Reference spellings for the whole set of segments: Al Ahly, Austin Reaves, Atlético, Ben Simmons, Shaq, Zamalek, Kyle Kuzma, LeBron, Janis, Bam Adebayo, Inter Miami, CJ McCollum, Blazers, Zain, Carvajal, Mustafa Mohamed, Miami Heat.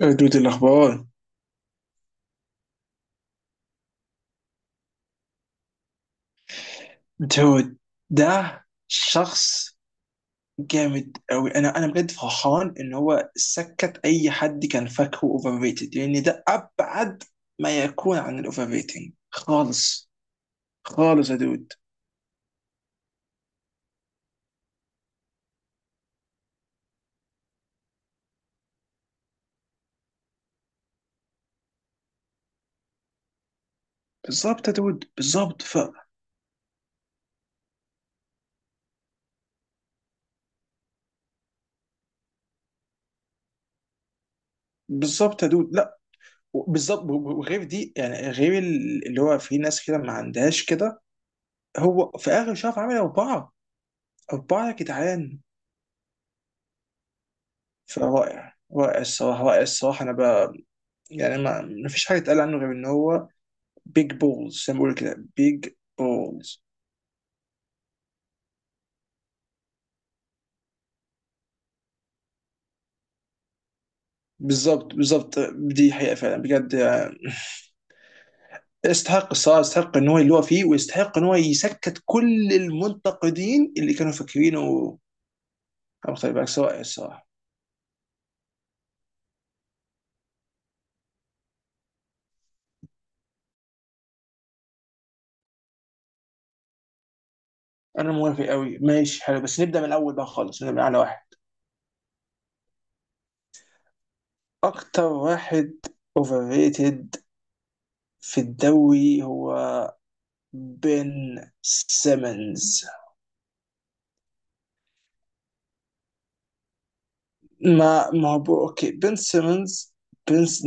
يا دود، الأخبار؟ دود ده شخص جامد أوي. أنا بجد فرحان إن هو سكت أي حد كان فاكره أوفر ريتد، لأن ده أبعد ما يكون عن الأوفر ريتنج خالص. خالص يا دود. بالظبط يا دود، بالظبط. بالظبط يا دود، لا بالظبط. وغير دي يعني غير اللي هو في ناس كده ما عندهاش كده. هو في آخر شهر عامل أربعة، أربعة يا جدعان. رائع الصراحة، رائع الصراحة. أنا يعني ما فيش حاجه اتقال عنه غير ان هو بيج بولز، زي ما بيقولوا كده، بيج بولز. بالظبط بالظبط. دي حقيقه فعلا بجد يعني. يستحق الصراحه، يستحق ان هو اللي هو فيه، ويستحق ان هو يسكت كل المنتقدين اللي كانوا فاكرينه. أبو طيب بقى سواء الصراحه. انا موافق قوي، ماشي حلو، بس نبدا من الاول بقى خالص، نبدا من اعلى واحد. اكتر واحد اوفر ريتد في الدوري هو بن سيمنز. ما ما هو بو- اوكي، بن سيمنز. بن س-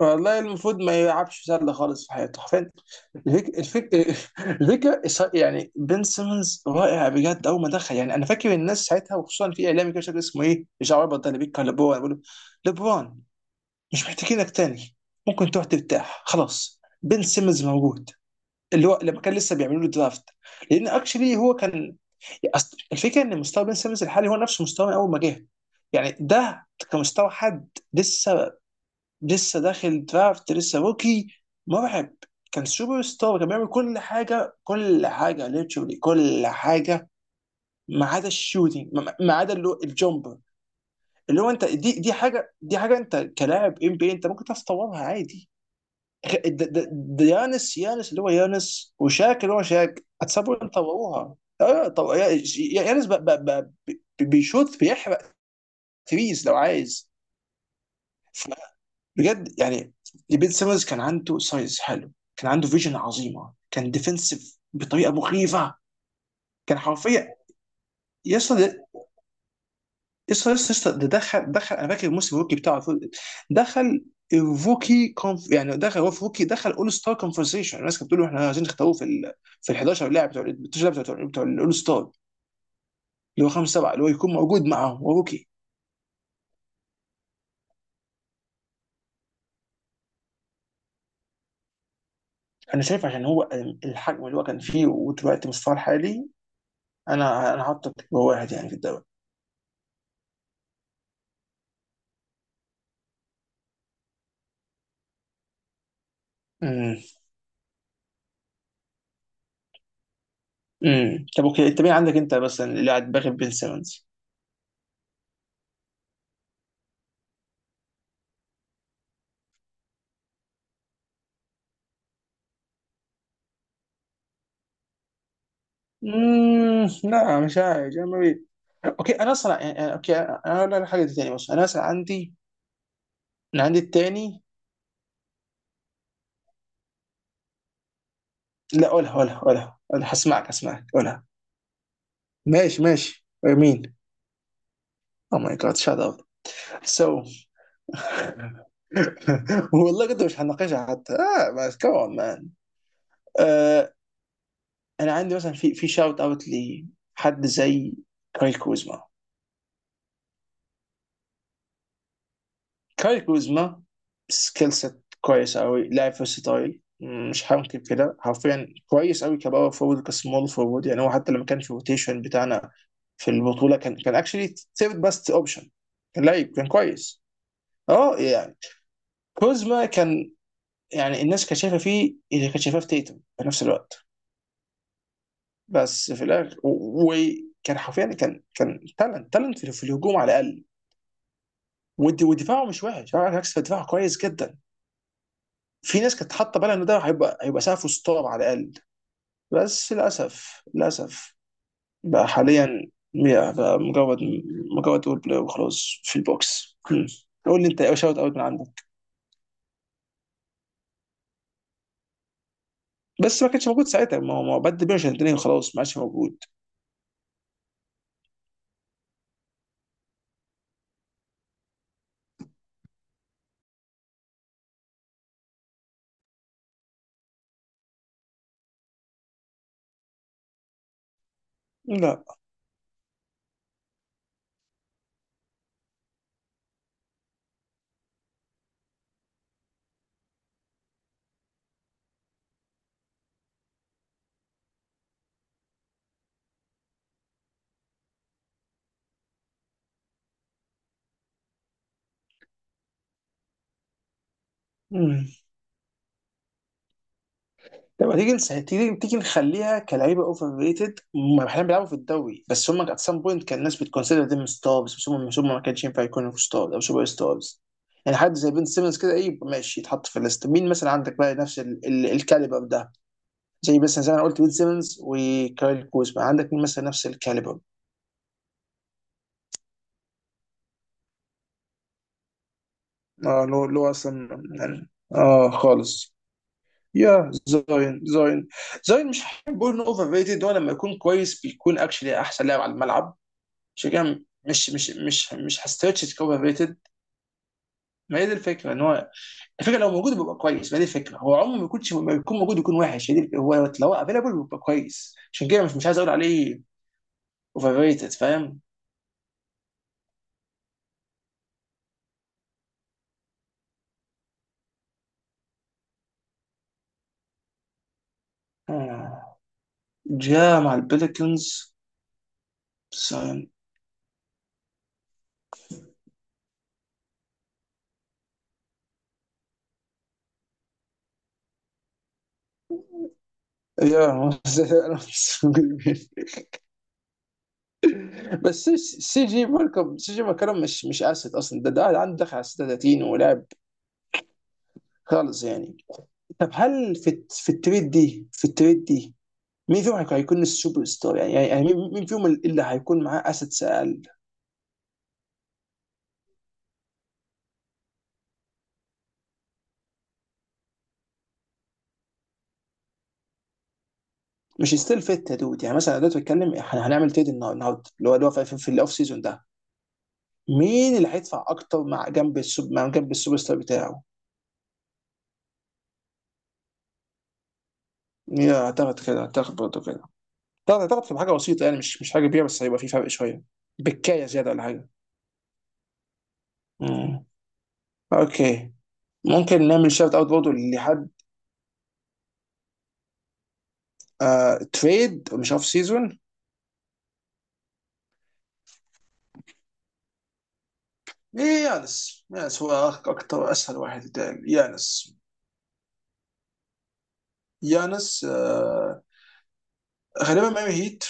والله المفروض ما يلعبش سله خالص في حياته حرفيا. الفك... الفك... يعني بن سيمنز رائع بجد اول ما دخل. يعني انا فاكر الناس ساعتها، وخصوصا في اعلامي كده مش فاكر اسمه ايه، مش عارف، ده اللي بيتكلم لبرون بيقول له، لبرون مش محتاجينك تاني، ممكن تروح ترتاح خلاص، بن سيمنز موجود. اللي هو لما كان لسه بيعملوا له درافت، لان اكشلي هو كان. أصل الفكره ان مستوى بن سيمنز الحالي هو نفس مستوى اول ما جه، يعني ده كمستوى حد لسه، لسه داخل درافت، لسه روكي. مرعب. كان سوبر ستار، كان بيعمل كل حاجه، كل حاجه ليتشولي، كل حاجه ما عدا الشوتنج، ما عدا اللي هو الجمبر. اللي هو انت، دي حاجه، دي حاجه انت كلاعب ام بي انت ممكن تعرف تطورها عادي. خ- د- د- يانس، يانس اللي هو، يانس وشاك اللي هو شاك، اتصابوا طوروها. اه يانس بيشوط، بيحرق تريز لو عايز. ف- بجد يعني بيت سيمنز كان عنده سايز حلو، كان عنده فيجن عظيمه، كان ديفنسيف بطريقه مخيفه. كان حرفيا يسطا يسطا يسطا ده دخل، دخل. انا فاكر الموسم الروكي بتاعه، دخل الروكي كونف، يعني دخل هو في روكي، دخل اول ستار كونفرسيشن. الناس كانت بتقول له احنا عايزين نختاروه في ال 11 لاعب، بتوع ال 12 لاعب بتوع بتوع الاول ستار، اللي هو خمسه سبعه اللي هو يكون موجود معاهم، هو روكي. انا شايف عشان هو الحجم اللي هو كان فيه ودلوقتي مستواه الحالي. انا حاطط واحد يعني في الدوري. امم طب اوكي انت مين عندك، انت بس اللي قاعد باغي بين سيمونز؟ لا مش عارف يعني ما بي- اوكي، انا اصلا يعني، يعني اوكي انا اقول لك حاجه تاني، بص انا اصلا عندي، انا عندي التاني. لا قولها، قولها، قولها، انا هسمعك، هسمعك، قولها. ماشي ماشي، مين؟ او ماي جاد، شات اب. سو والله كنت مش هناقشها حتى، اه بس كمان مان. آه انا عندي مثلا في شاوت اوت لحد زي كاري كوزما. كاي كوزما سكيل سيت كويس قوي، لاعب فيرساتايل، مش هنكر كده، حرفيا كويس قوي كباور فورورد كسمول فورورد. يعني هو حتى لما كان في الروتيشن بتاعنا في البطوله كان اكشلي ثيرد باست اوبشن. كان لعيب، كان كويس. اه يعني كوزما كان، يعني الناس كانت شايفه فيه اللي كانت شايفاه في تيتم في نفس الوقت. بس في الاخر وكان حرفيا، كان تالنت، تالنت في في الهجوم على الاقل. ودفاعه مش وحش، على العكس دفاعه كويس جدا. في ناس كانت حاطه بالها ان ده هيبقى سقفه ستار على الاقل. بس للاسف، للاسف، بقى حاليا بقى مجرد، مجرد رول بلاي وخلاص في البوكس. هم. قول لي انت ايه شوت اوت من عندك. بس ما كانش موجود ساعتها، ما هو ما هو بد بيرش، خلاص ما عادش موجود. لا. هم. طب ما تيجي تيجي نخليها كلعيبه اوفر ريتد، هم احيانا بيلعبوا في الدوري، بس هم ات سام بوينت كان الناس بتكونسيدر ديم ستارز، بس هم مش، هم ما كانش ينفع يكونوا في ستارز او سوبر ستارز. يعني حد زي بن سيمنز كده، ايه ماشي يتحط في الليست. مين مثلا عندك بقى نفس الكاليبر ده، زي مثلا زي ما انا قلت بن سيمنز وكايل كوزما؟ عندك مين مثلا نفس الكاليبر؟ اه اللي هو، اللي هو اصلا يعني اه خالص. يا زاين، زاين. زاين مش هحب اقول انه اوفر ريتد، هو لما يكون كويس بيكون اكشلي احسن لاعب على الملعب. شجاع. مش هستريتش تكون ريتد. ما هي دي الفكره ان هو، الفكره لو موجود بيبقى كويس، ما هي دي الفكره، هو عمره ما يكونش، ما يكون موجود يكون وحش، هي دي هو لو افيلبل بيبقى كويس، عشان كده مش عايز اقول عليه اوفر ريتد، فاهم. آه. جاء مع البليكنز. يا بس سي جي مالكم، سي جي مالكم مش اسد اصلا، ده عنده دخل على 36 ولاعب خالص يعني. طب هل في في التريد دي، في التريد دي مين فيهم هيكون السوبر ستار؟ يعني يعني يعني مين، مين فيهم اللي هيكون معاه اسيتس اقل؟ مش ستيل فيت يا دود. يعني مثلا أنا دلوقتي بتكلم إحنا هنعمل تريد النهارده، اللي هو اللي هو في الاوف سيزون ده، مين اللي هيدفع اكتر مع جنب السوب، مع جنب السوبر ستار بتاعه؟ يا اعتقد كده، اعتقد برضه كده. اعتقد في حاجه بسيطه يعني مش مش حاجه كبيره، بس هيبقى في فرق شويه، بكايه زياده ولا حاجه. مم. اوكي. ممكن نعمل شوت اوت برضه لحد. آه، تريد مش اوف سيزون. إيه، يانس، يانس هو اكتر اسهل واحد يتقال، يانس. يانس، آه، غالبا ميامي هيت،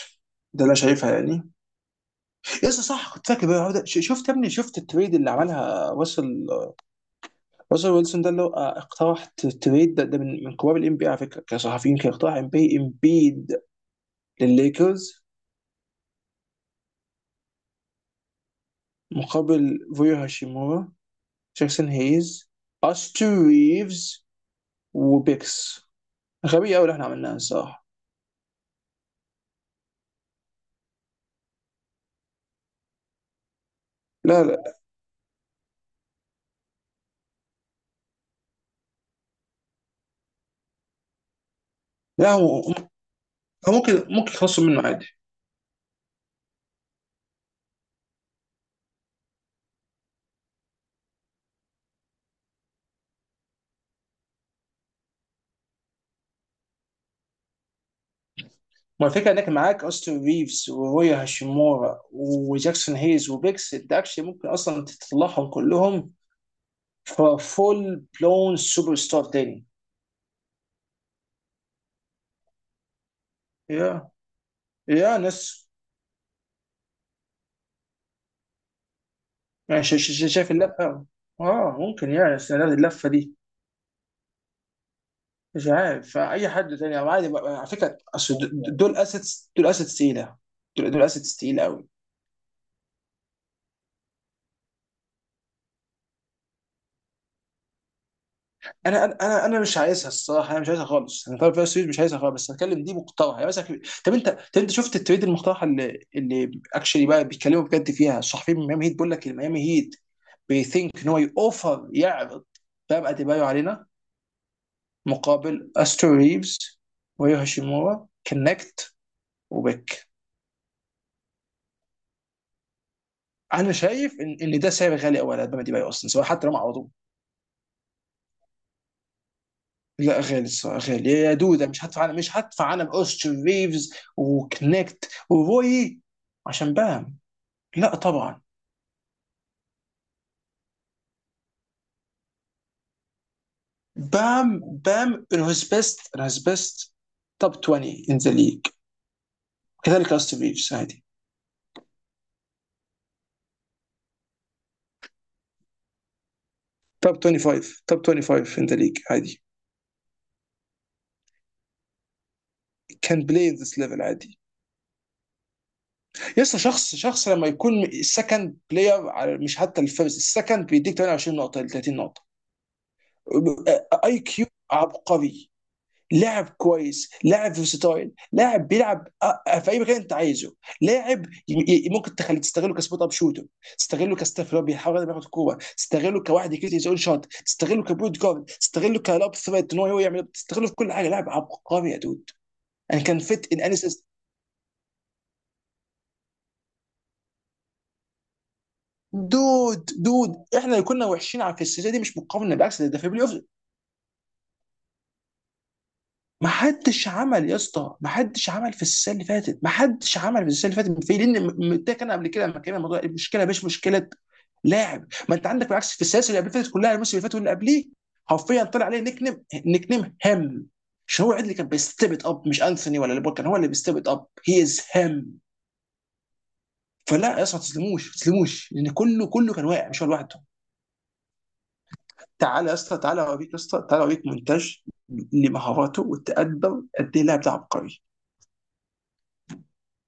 ده اللي انا شايفها يعني. يس صح كنت فاكر بقى ده. شفت يا ابني شفت التريد اللي عملها وصل، وصل ويلسون، ده اللي هو آه، اقترح تريد ده، من من كبار الام بي على فكره كصحفيين، كان اقترح ام بي، امبيد للليكرز مقابل فويو هاشيمورا، جاكسون هيز، استو ريفز، وبيكس. غبية قوي اللي احنا عملناها الصراحه. لا. لا هو ممكن، ممكن يخلصوا منه عادي. ما الفكره انك معاك اوستن ريفز ورويا هاشيمورا وجاكسون هيز وبيكس، انت اكشلي ممكن اصلا تطلعهم كلهم ففول بلون سوبر ستار تاني. يا، يا ناس. يعني شايف اللفه. اه ممكن يا ناس، يعني بس أنا اللفه دي مش عارف فاي حد تاني او عادي على فكره أصل دول اسيتس، دول اسيتس تقيله. دول اسيتس تقيله. انا أنا مش عايزها الصراحه، انا مش عايزها خالص، انا طالب فيها سيريز، مش عايزها خالص، بس هتكلم دي مقترحه يعني مثلا. طب انت، طب انت شفت التريد المقترحه اللي اكشلي بقى بيتكلموا بجد فيها الصحفيين من ميامي هيت؟ بيقول لك الميامي هيت بيثينك ان هو يوفر، يعرض بام اديبايو علينا مقابل استرو ريفز، ويو هاشيمورا كنكت، وبيك. انا شايف ان ده سعر غالي قوي على بام اديبايو اصلا، سواء حتى لو ما عرضوه. لا غالي الصراحه، غالي يا دودة. مش هدفع على، مش هدفع على اوستن ريفز وكنكت وروي عشان بام. لا طبعا. بام، بام in his best, in his best top 20 in the league. كذلك اوستن ريفز عادي. توب 25، توب 25 ان ذا ليج عادي. كان بلاي ذس ليفل عادي. يسطا، شخص، شخص لما يكون السكند بلاير، على مش حتى الفيرست، السكند، بيديك 28 نقطه ل 30 نقطه. اي كيو عبقري. لاعب كويس، لاعب فيرساتايل، لاعب بيلعب آه، آه، في اي مكان انت عايزه. لاعب ممكن تخلي، تستغله كسبوت اب شوتر، تستغله كستاف اللي هو بيحاول ياخد كوره، تستغله كواحد يكيت يزول شوت، تستغله كبوت جارد، تستغله كلاب ثريت ان هو يعمل، تستغله في كل حاجه. لاعب عبقري يا دود. انا كان فيت ان انسس. دود، دود احنا كنا وحشين على، في السلسله دي، مش مقارنه، بالعكس ده في بلاي اوف. ما حدش عمل يا اسطى، ما حدش عمل في السنه اللي فاتت، ما حدش عمل في السنه اللي فاتت في، لان ده كان قبل كده لما كان الموضوع، المشكله مش مشكله لاعب. ما انت عندك بالعكس في السلاسل اللي قبل فاتت كلها، الموسم اللي فات واللي قبليه، حرفيا طلع عليه نيك نيم، نيك نيم هم. مش هو عدل اللي كان بيستيب إت اب؟ مش انثوني ولا ليبر، كان هو اللي بيستيب إت اب. هي از هم. فلا يا اسطى، ما تسلموش، ما تسلموش، لان كله كان واقع، مش هو لوحده. تعالى يا اسطى، تعالى اوريك يا اسطى، تعالى اوريك مونتاج لمهاراته والتقدم قد ايه اللاعب ده عبقري.